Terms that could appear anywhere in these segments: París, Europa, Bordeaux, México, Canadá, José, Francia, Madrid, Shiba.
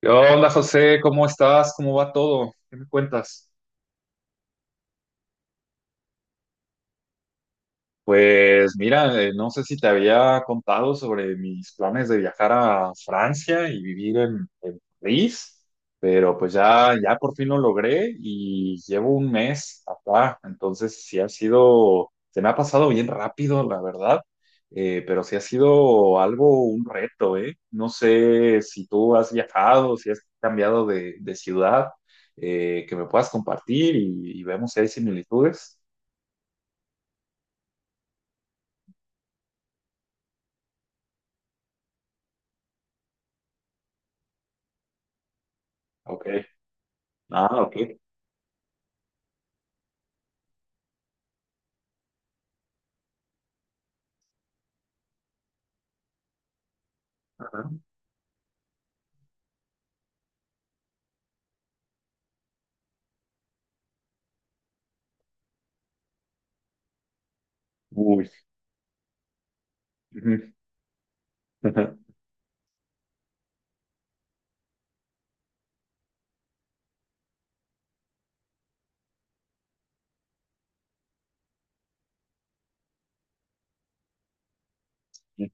¿Qué onda, José? ¿Cómo estás? ¿Cómo va todo? ¿Qué me cuentas? Pues mira, no sé si te había contado sobre mis planes de viajar a Francia y vivir en París, pero pues ya por fin lo logré y llevo un mes acá, entonces sí ha sido, se me ha pasado bien rápido, la verdad, pero sí ha sido algo, un reto, ¿eh? No sé si tú has viajado, si has cambiado de ciudad, que me puedas compartir y vemos si hay similitudes. Ok. Ah, ok. Uy, ujú, ajá, ujú,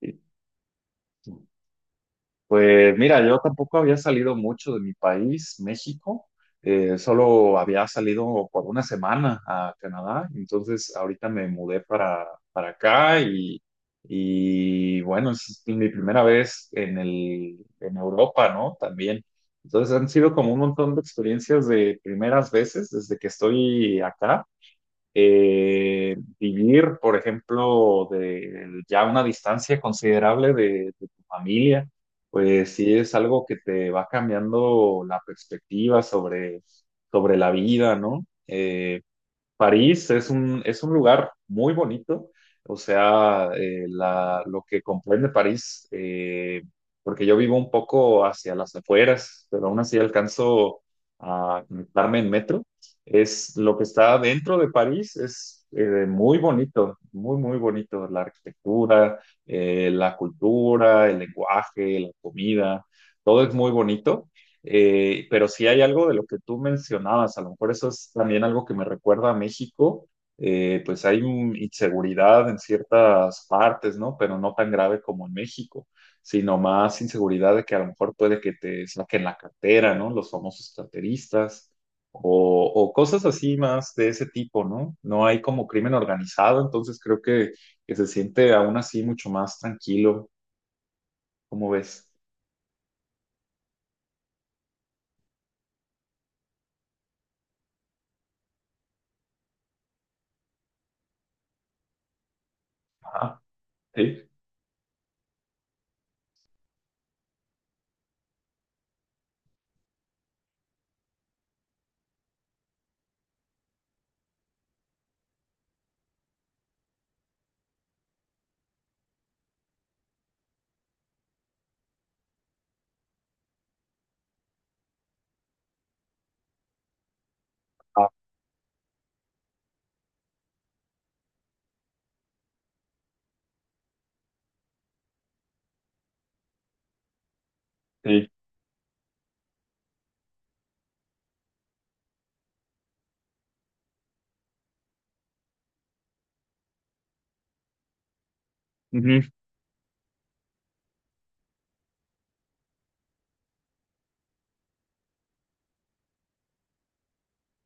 sí. Pues mira, yo tampoco había salido mucho de mi país, México. Solo había salido por una semana a Canadá. Entonces ahorita me mudé para acá y bueno, es mi primera vez en Europa, ¿no? También. Entonces han sido como un montón de experiencias de primeras veces desde que estoy acá. Vivir, por ejemplo, de ya una distancia considerable de tu familia, pues sí es algo que te va cambiando la perspectiva sobre la vida, ¿no? París es un lugar muy bonito, o sea, lo que comprende París, porque yo vivo un poco hacia las afueras, pero aún así alcanzo a conectarme en metro, es lo que está dentro de París, es muy bonito, muy bonito, la arquitectura, la cultura, el lenguaje, la comida, todo es muy bonito. Pero sí hay algo de lo que tú mencionabas, a lo mejor eso es también algo que me recuerda a México, pues hay inseguridad en ciertas partes, ¿no? Pero no tan grave como en México, sino más inseguridad de que a lo mejor puede que te saquen la cartera, ¿no? Los famosos carteristas o cosas así más de ese tipo, ¿no? No hay como crimen organizado, entonces creo que se siente aún así mucho más tranquilo, ¿cómo ves? Ajá, sí. Ah, sí.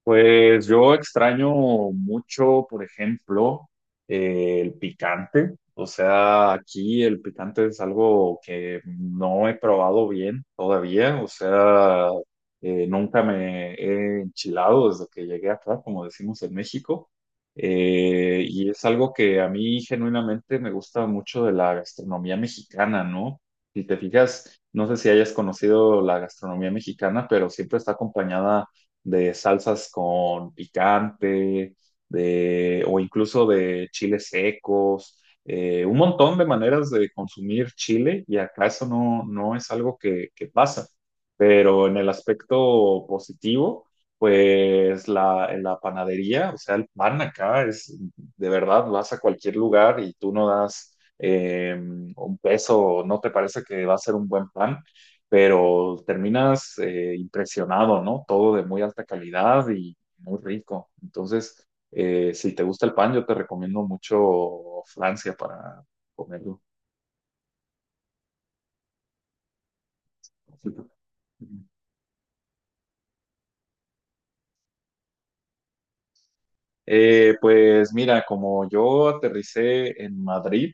Pues yo extraño mucho, por ejemplo, el picante. O sea, aquí el picante es algo que no he probado bien todavía. O sea, nunca me he enchilado desde que llegué acá, como decimos en México. Y es algo que a mí genuinamente me gusta mucho de la gastronomía mexicana, ¿no? Si te fijas, no sé si hayas conocido la gastronomía mexicana, pero siempre está acompañada de salsas con picante, de, o incluso de chiles secos, un montón de maneras de consumir chile y acá eso no, no es algo que pasa. Pero en el aspecto positivo, pues en la panadería, o sea, el pan acá es, de verdad, vas a cualquier lugar y tú no das un peso, no te parece que va a ser un buen pan pero terminas impresionado, ¿no? Todo de muy alta calidad y muy rico. Entonces, si te gusta el pan, yo te recomiendo mucho Francia para comerlo. Pues mira, como yo aterricé en Madrid,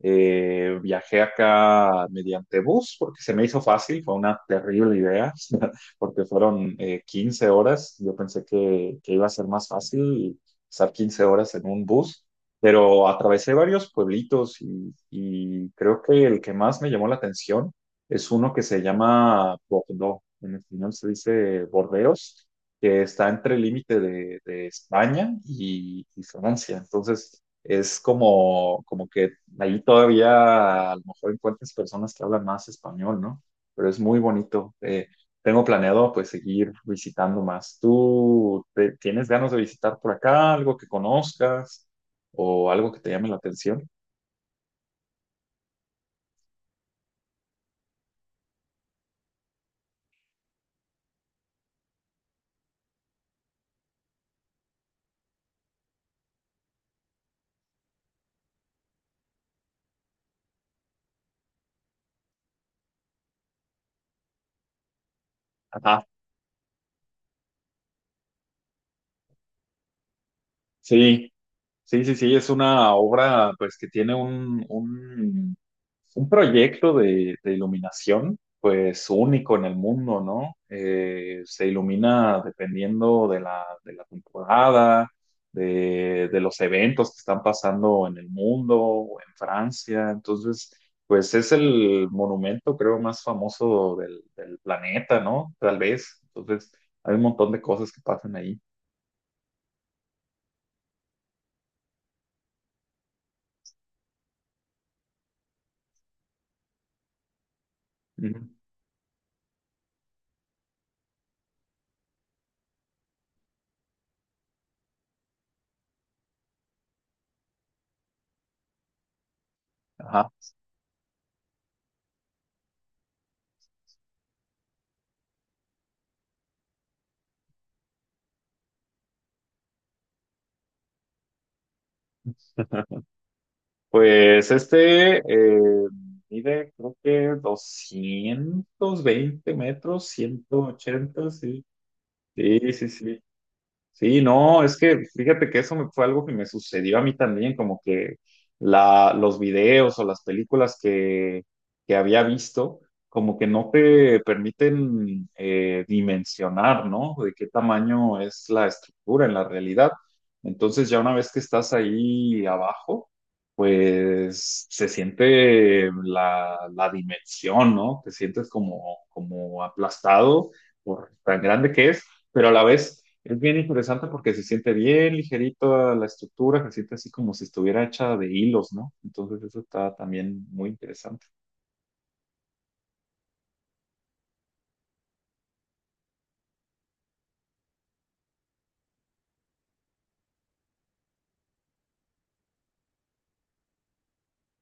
viajé acá mediante bus porque se me hizo fácil, fue una terrible idea, porque fueron 15 horas, yo pensé que iba a ser más fácil estar 15 horas en un bus, pero atravesé varios pueblitos y creo que el que más me llamó la atención es uno que se llama Bordeaux, en español se dice Bordeos, que está entre el límite de España y Francia. Entonces, es como, como que ahí todavía a lo mejor encuentras personas que hablan más español, ¿no? Pero es muy bonito. Tengo planeado pues seguir visitando más. ¿Tú tienes ganas de visitar por acá algo que conozcas o algo que te llame la atención? Ajá, sí. Sí, sí, sí, es una obra pues que tiene un proyecto de iluminación pues único en el mundo, ¿no? Se ilumina dependiendo de la temporada, de los eventos que están pasando en el mundo, o en Francia, entonces pues es el monumento creo más famoso del planeta, ¿no? Tal vez, entonces hay un montón de cosas que pasan ahí. Ujú. Ajá. Pues este mide creo que 220 metros, ciento ochenta sí. Sí, sí, sí. Sí, no, es que fíjate que fue algo que me sucedió a mí también, como que los videos o las películas que había visto, como que no te permiten dimensionar, ¿no? De qué tamaño es la estructura en la realidad. Entonces ya una vez que estás ahí abajo, pues se siente la dimensión, ¿no? Te sientes como, como aplastado por tan grande que es, pero a la vez es bien interesante porque se siente bien ligerito a la estructura, se siente así como si estuviera hecha de hilos, ¿no? Entonces eso está también muy interesante.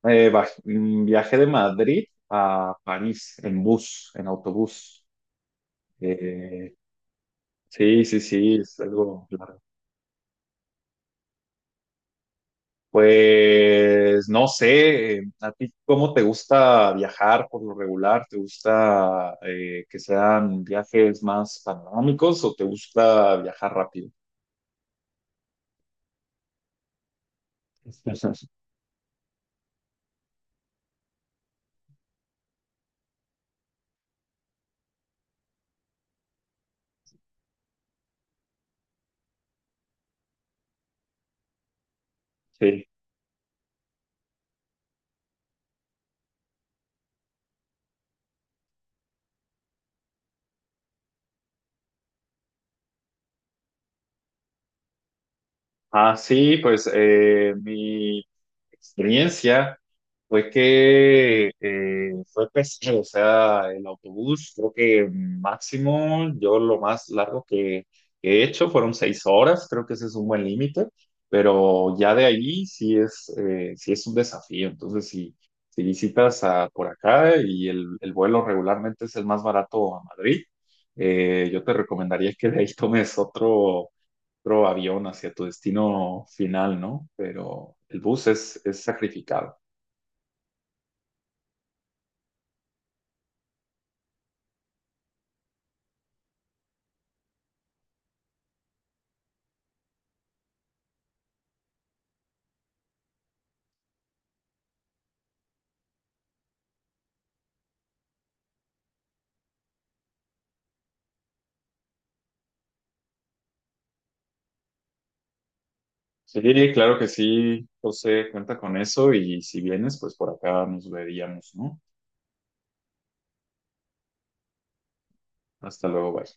Viajé de Madrid a París en bus, en autobús. Eh, sí, sí, sí, es algo largo. Pues no sé, ¿a ti cómo te gusta viajar por lo regular? ¿Te gusta que sean viajes más panorámicos o te gusta viajar rápido? Sí. Ah, sí, pues mi experiencia fue que fue pesado, o sea, el autobús, creo que máximo, yo lo más largo que he hecho fueron seis horas, creo que ese es un buen límite, pero ya de ahí sí es un desafío. Entonces, si visitas a, por acá y el vuelo regularmente es el más barato a Madrid, yo te recomendaría que de ahí tomes otro. Otro avión hacia tu destino final, ¿no? Pero el bus es sacrificado. Sí, claro que sí, José, cuenta con eso y si vienes, pues por acá nos veríamos, ¿no? Hasta luego, bye.